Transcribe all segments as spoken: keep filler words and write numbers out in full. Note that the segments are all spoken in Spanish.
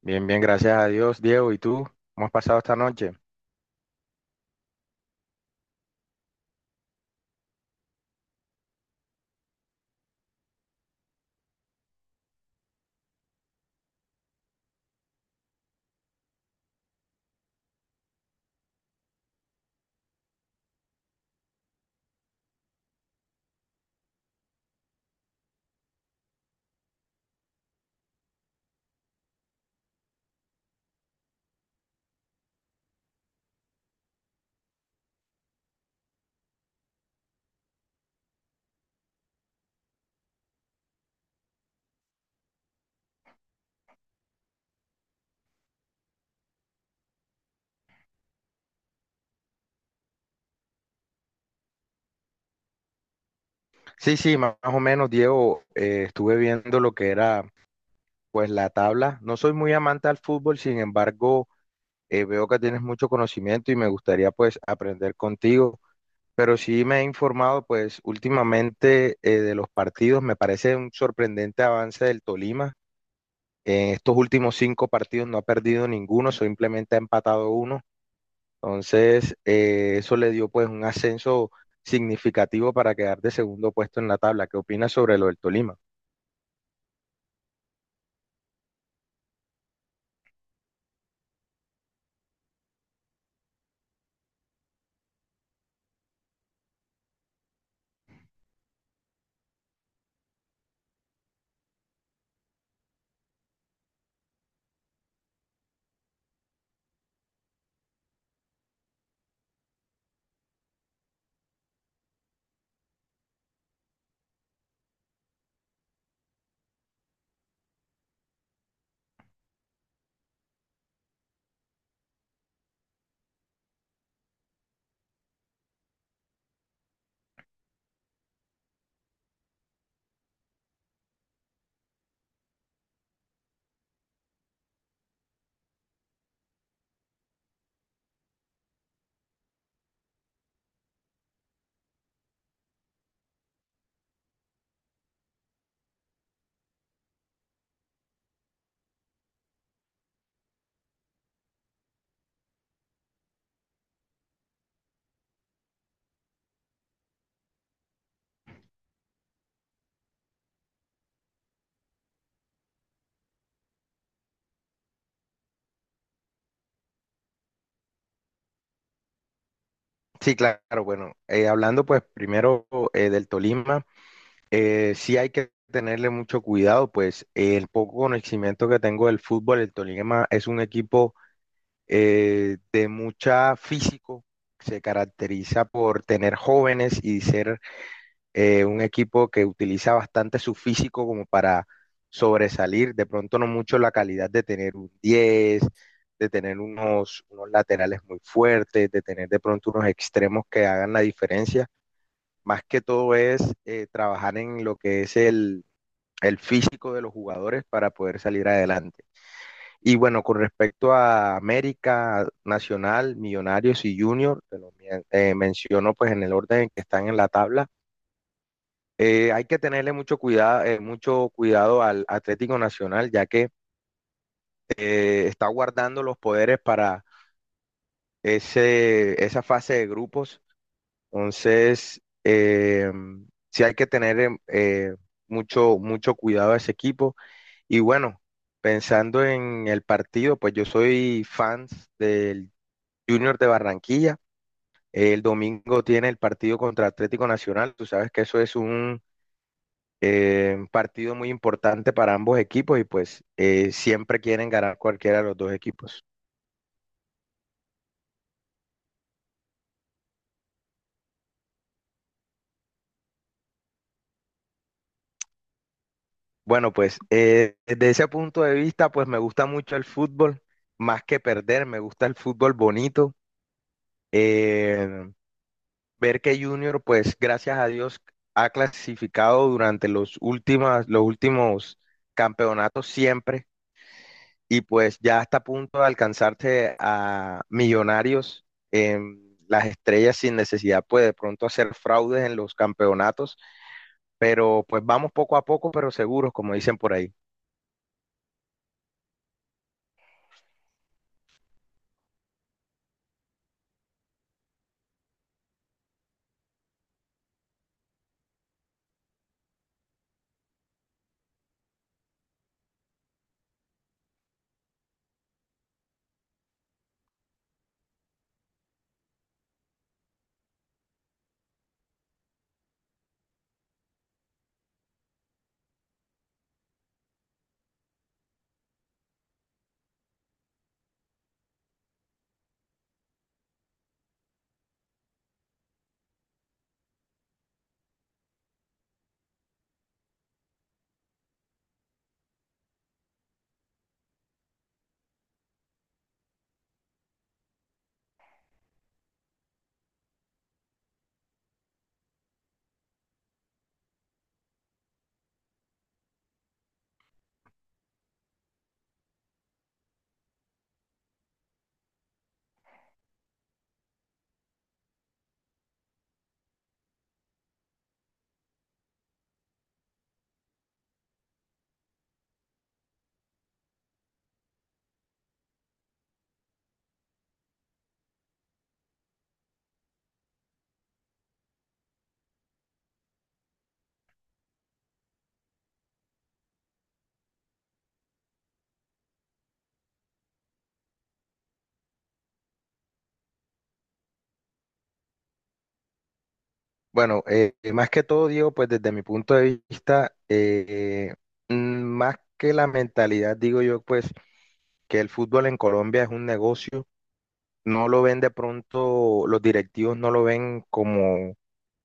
Bien, bien, gracias a Dios, Diego. ¿Y tú? ¿Cómo has pasado esta noche? Sí, sí, más o menos, Diego, eh, estuve viendo lo que era, pues, la tabla. No soy muy amante al fútbol, sin embargo, eh, veo que tienes mucho conocimiento y me gustaría, pues, aprender contigo. Pero sí me he informado, pues, últimamente eh, de los partidos. Me parece un sorprendente avance del Tolima. En estos últimos cinco partidos no ha perdido ninguno, simplemente ha empatado uno. Entonces, eh, eso le dio pues un ascenso significativo para quedar de segundo puesto en la tabla. ¿Qué opinas sobre lo del Tolima? Sí, claro, bueno, eh, hablando pues primero eh, del Tolima, eh, sí hay que tenerle mucho cuidado, pues eh, el poco conocimiento que tengo del fútbol, el Tolima es un equipo eh, de mucha físico, se caracteriza por tener jóvenes y ser eh, un equipo que utiliza bastante su físico como para sobresalir, de pronto no mucho la calidad de tener un diez de tener unos, unos laterales muy fuertes, de tener de pronto unos extremos que hagan la diferencia. Más que todo es eh, trabajar en lo que es el, el físico de los jugadores para poder salir adelante. Y bueno, con respecto a América, Nacional, Millonarios y Junior, te lo men- eh, menciono pues en el orden en que están en la tabla, eh, hay que tenerle mucho cuidado, mucho cuidado al Atlético Nacional, ya que eh, está guardando los poderes para ese, esa fase de grupos. Entonces, eh, sí hay que tener em, eh, mucho, mucho cuidado a ese equipo. Y bueno, pensando en el partido, pues yo soy fan del Junior de Barranquilla. El domingo tiene el partido contra Atlético Nacional. Tú sabes que eso es un Eh, partido muy importante para ambos equipos y pues eh, siempre quieren ganar cualquiera de los dos equipos. Bueno, pues eh, desde ese punto de vista, pues me gusta mucho el fútbol, más que perder, me gusta el fútbol bonito. Eh, ver que Junior, pues gracias a Dios, ha clasificado durante los últimas, los últimos campeonatos siempre. Y pues ya está a punto de alcanzarse a millonarios en las estrellas sin necesidad, pues de pronto hacer fraudes en los campeonatos, pero pues vamos poco a poco, pero seguros, como dicen por ahí. Bueno, eh, más que todo, Diego, pues desde mi punto de vista, eh, mm, más que la mentalidad, digo yo, pues que el fútbol en Colombia es un negocio, no lo ven de pronto, los directivos no lo ven como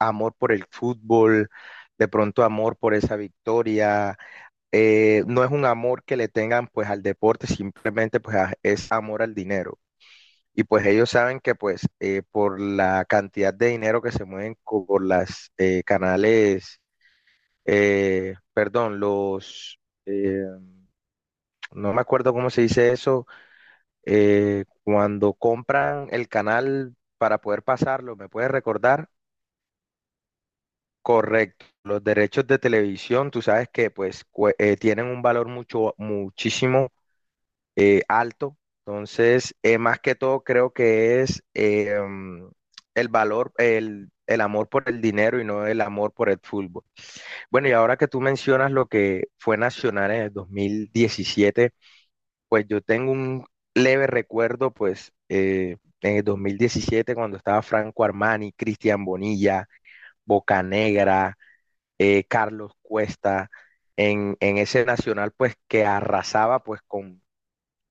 amor por el fútbol, de pronto amor por esa victoria. eh, no es un amor que le tengan pues al deporte, simplemente pues a- es amor al dinero. Y pues ellos saben que pues eh, por la cantidad de dinero que se mueven co- por las eh, canales, eh, perdón, los, eh, no me acuerdo cómo se dice eso, eh, cuando compran el canal para poder pasarlo, ¿me puedes recordar? Correcto. Los derechos de televisión, tú sabes que pues cue- eh, tienen un valor mucho, muchísimo eh, alto. Entonces, eh, más que todo, creo que es eh, mm, el valor, el, el amor por el dinero y no el amor por el fútbol. Bueno, y ahora que tú mencionas lo que fue Nacional en el dos mil diecisiete. Pues yo tengo un leve recuerdo, pues, eh, en el dos mil diecisiete, cuando estaba Franco Armani, Cristian Bonilla, Bocanegra, eh, Carlos Cuesta, en, en ese Nacional, pues, que arrasaba, pues, con,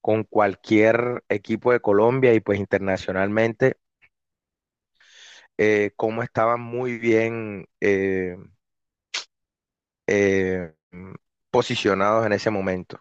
con cualquier equipo de Colombia y, pues, internacionalmente, eh, cómo estaban muy bien eh, eh, posicionados en ese momento.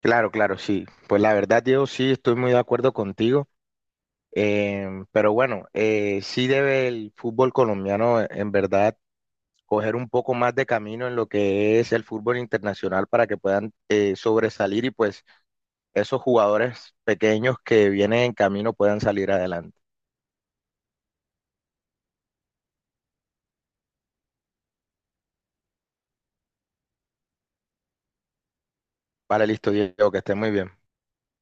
Claro, claro, sí. Pues la verdad, Diego, sí, estoy muy de acuerdo contigo. Em, pero bueno, eh, sí debe el fútbol colombiano eh, en verdad coger un poco más de camino en lo que es el fútbol internacional para que puedan eh, sobresalir y pues esos jugadores pequeños que vienen en camino puedan salir adelante. Vale, listo, Diego, que esté muy bien.